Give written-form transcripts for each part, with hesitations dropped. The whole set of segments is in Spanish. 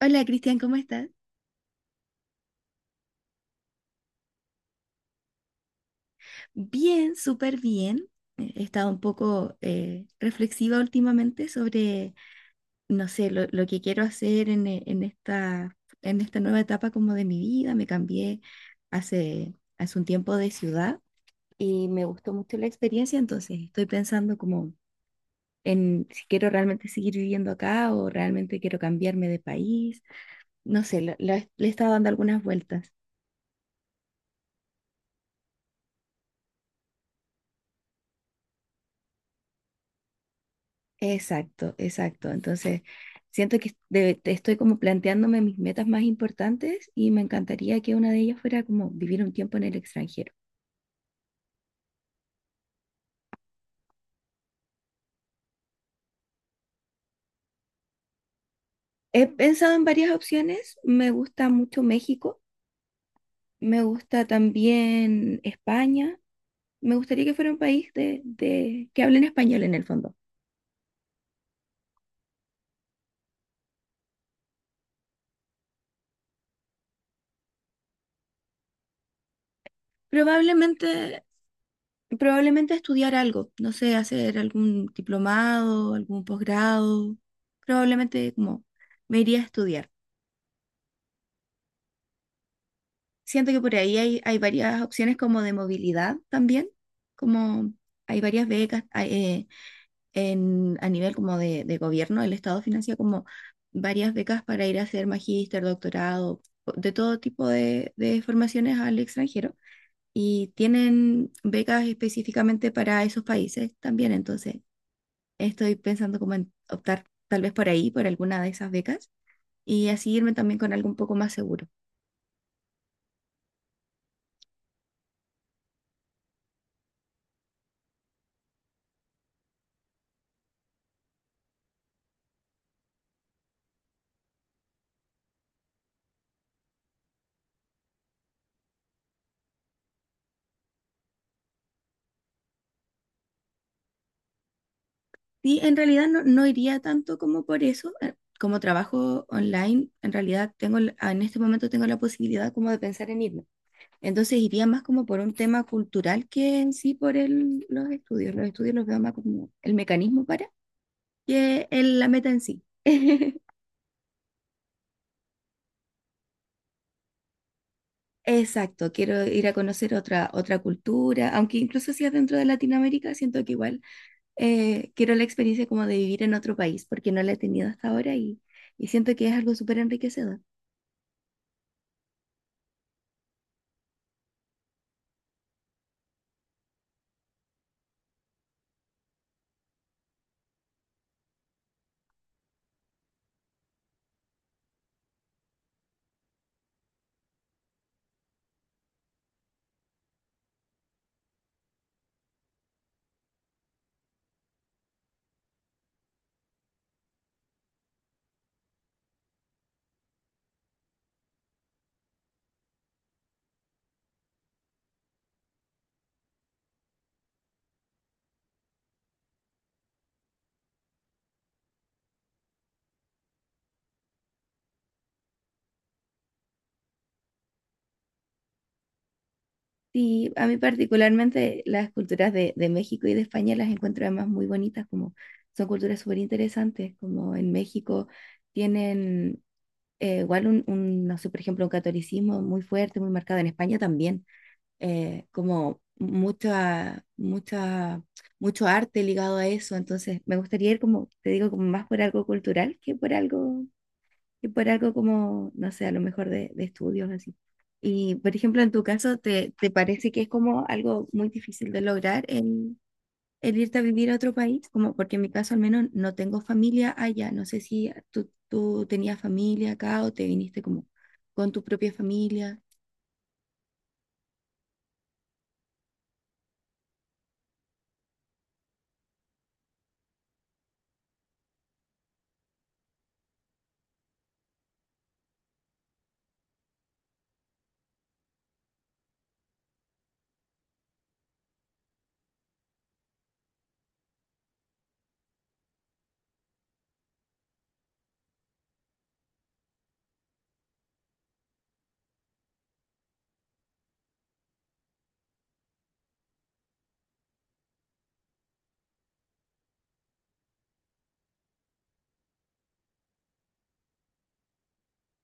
Hola Cristian, ¿cómo estás? Bien, súper bien. He estado un poco reflexiva últimamente sobre, no sé, lo que quiero hacer en, en esta nueva etapa como de mi vida. Me cambié hace un tiempo de ciudad y me gustó mucho la experiencia, entonces estoy pensando como en si quiero realmente seguir viviendo acá o realmente quiero cambiarme de país. No sé, le he estado dando algunas vueltas. Exacto, exacto. Entonces, siento que te estoy como planteándome mis metas más importantes y me encantaría que una de ellas fuera como vivir un tiempo en el extranjero. He pensado en varias opciones. Me gusta mucho México, me gusta también España. Me gustaría que fuera un país de, que hablen español en el fondo. Probablemente, probablemente estudiar algo, no sé, hacer algún diplomado, algún posgrado. Probablemente como me iría a estudiar. Siento que por ahí hay, hay varias opciones como de movilidad también, como hay varias becas hay, en, a nivel como de gobierno, el Estado financia como varias becas para ir a hacer magíster, doctorado, de todo tipo de formaciones al extranjero y tienen becas específicamente para esos países también, entonces estoy pensando como en optar tal vez por ahí, por alguna de esas becas y así irme también con algo un poco más seguro. Sí, en realidad no, no iría tanto como por eso. Como trabajo online, en realidad tengo, en este momento tengo la posibilidad como de pensar en irme. Entonces iría más como por un tema cultural que en sí por el, los estudios. Los estudios los veo más como el mecanismo para que la meta en sí. Exacto, quiero ir a conocer otra, otra cultura, aunque incluso si es dentro de Latinoamérica, siento que igual quiero la experiencia como de vivir en otro país, porque no la he tenido hasta ahora y siento que es algo súper enriquecedor. Sí, a mí particularmente las culturas de México y de España las encuentro además muy bonitas, como son culturas súper interesantes, como en México tienen igual un, no sé, por ejemplo, un catolicismo muy fuerte, muy marcado, en España también, como mucha, mucha, mucho arte ligado a eso, entonces me gustaría ir como, te digo, como más por algo cultural que por algo y por algo como, no sé, a lo mejor de estudios así. Y, por ejemplo, en tu caso, ¿te, te parece que es como algo muy difícil de lograr el irte a vivir a otro país? Como porque en mi caso al menos no tengo familia allá. No sé si tú, tú tenías familia acá o te viniste como con tu propia familia.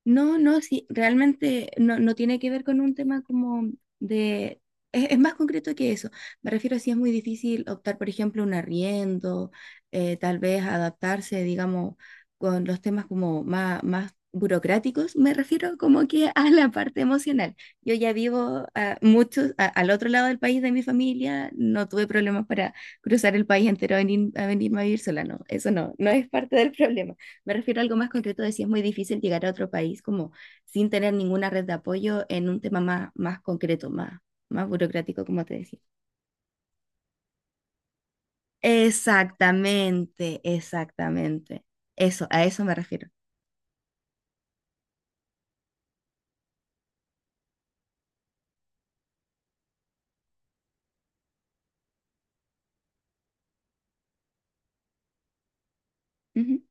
No, no, sí, realmente no, no tiene que ver con un tema como de... es más concreto que eso. Me refiero a si es muy difícil optar, por ejemplo, un arriendo, tal vez adaptarse, digamos, con los temas como más, más burocráticos. Me refiero como que a la parte emocional. Yo ya vivo a muchos, al otro lado del país de mi familia, no tuve problemas para cruzar el país entero a, venir, a venirme a vivir sola, no, eso no, no es parte del problema. Me refiero a algo más concreto de si es muy difícil llegar a otro país como sin tener ninguna red de apoyo en un tema más, más concreto, más, más burocrático, como te decía. Exactamente, exactamente. Eso, a eso me refiero. Ujú.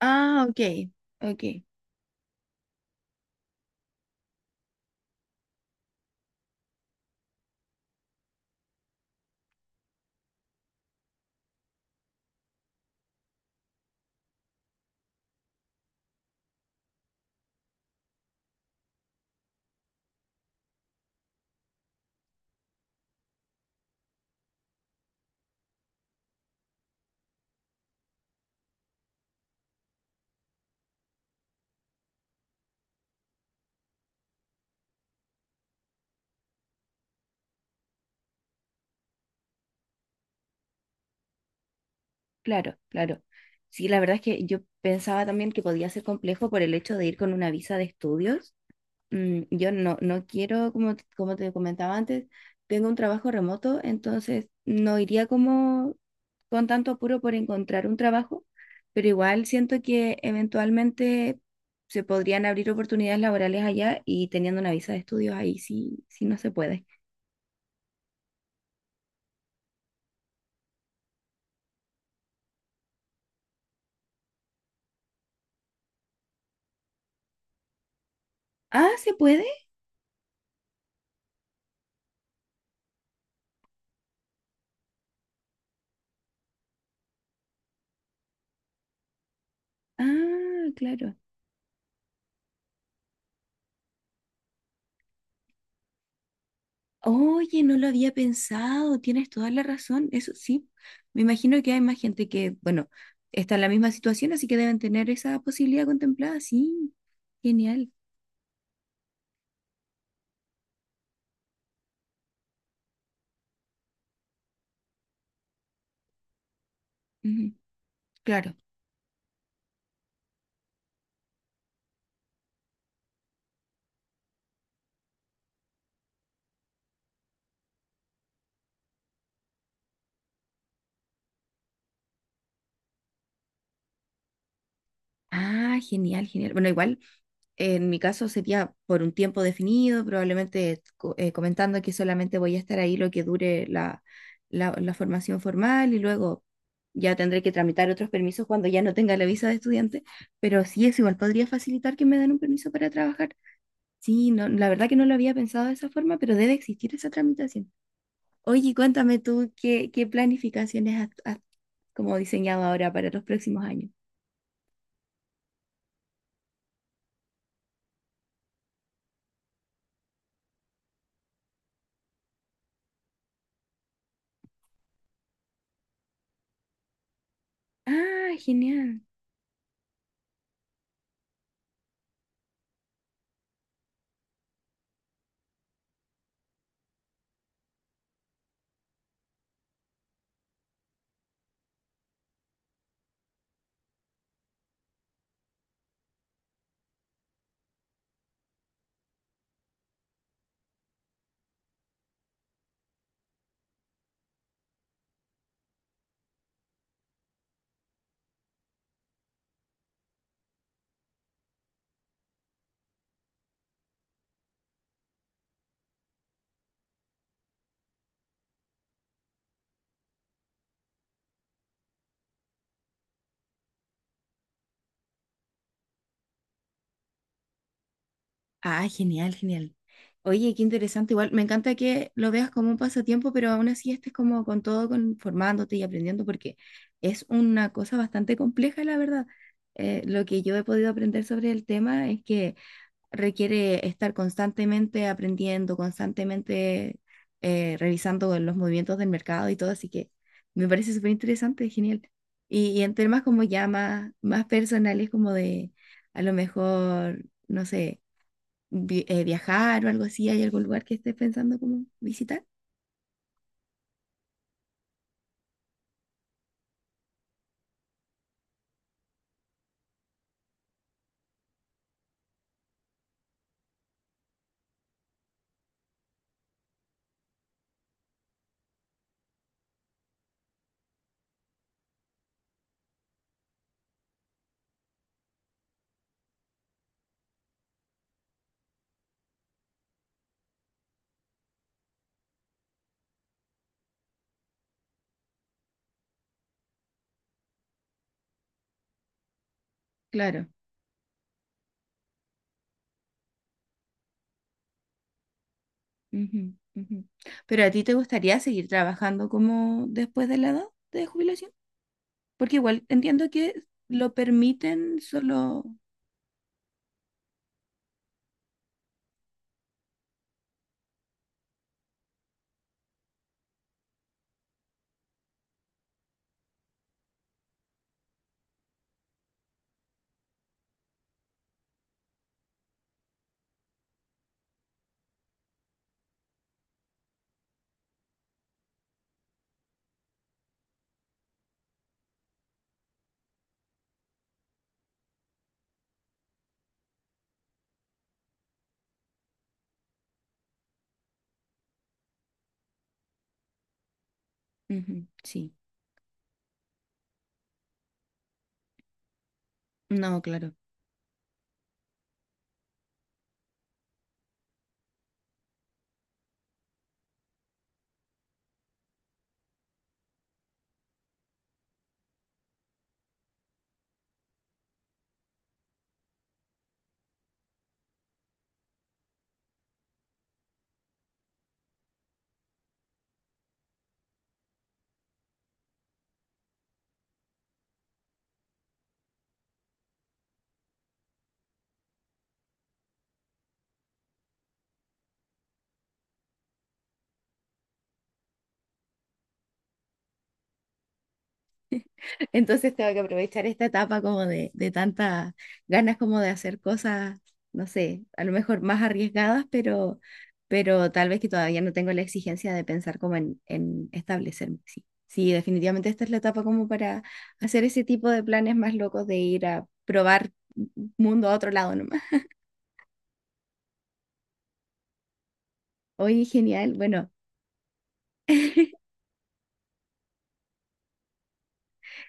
Ah, ok, ok, claro, claro. Sí, la verdad es que yo pensaba también que podía ser complejo por el hecho de ir con una visa de estudios. Mm, yo no, no quiero, como, como te comentaba antes, tengo un trabajo remoto, entonces no iría como con tanto apuro por encontrar un trabajo, pero igual siento que eventualmente se podrían abrir oportunidades laborales allá y teniendo una visa de estudios ahí sí, sí no se puede. Ah, ¿se puede? Ah, claro. Oye, no lo había pensado, tienes toda la razón, eso sí. Me imagino que hay más gente que, bueno, está en la misma situación, así que deben tener esa posibilidad contemplada, sí. Genial. Ujú. Claro. Ah, genial, genial. Bueno, igual, en mi caso sería por un tiempo definido, probablemente comentando que solamente voy a estar ahí lo que dure la, la formación formal y luego ya tendré que tramitar otros permisos cuando ya no tenga la visa de estudiante, pero sí es igual, podría facilitar que me den un permiso para trabajar. Sí, no, la verdad que no lo había pensado de esa forma, pero debe existir esa tramitación. Oye, cuéntame tú qué, qué planificaciones has, has como diseñado ahora para los próximos años. Ah, genial. Ah, genial, genial. Oye, qué interesante. Igual, me encanta que lo veas como un pasatiempo, pero aún así estés como con todo, con, formándote y aprendiendo, porque es una cosa bastante compleja, la verdad. Lo que yo he podido aprender sobre el tema es que requiere estar constantemente aprendiendo, constantemente revisando los movimientos del mercado y todo, así que me parece súper interesante, genial. Y en temas como ya más, más personales, como de a lo mejor, no sé, viajar o algo así? ¿Hay algún lugar que estés pensando como visitar? Claro. Ujú, ujú. ¿Pero a ti te gustaría seguir trabajando como después de la edad de jubilación? Porque igual entiendo que lo permiten solo... Ujú, sí. No, claro. Entonces tengo que aprovechar esta etapa como de tantas ganas como de hacer cosas, no sé, a lo mejor más arriesgadas, pero tal vez que todavía no tengo la exigencia de pensar como en establecerme. Sí. Sí, definitivamente esta es la etapa como para hacer ese tipo de planes más locos de ir a probar mundo a otro lado nomás. Oye, genial. Bueno,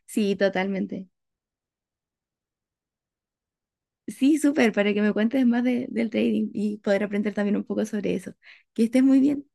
sí, totalmente. Sí, súper, para que me cuentes más del trading y poder aprender también un poco sobre eso. Que estés muy bien.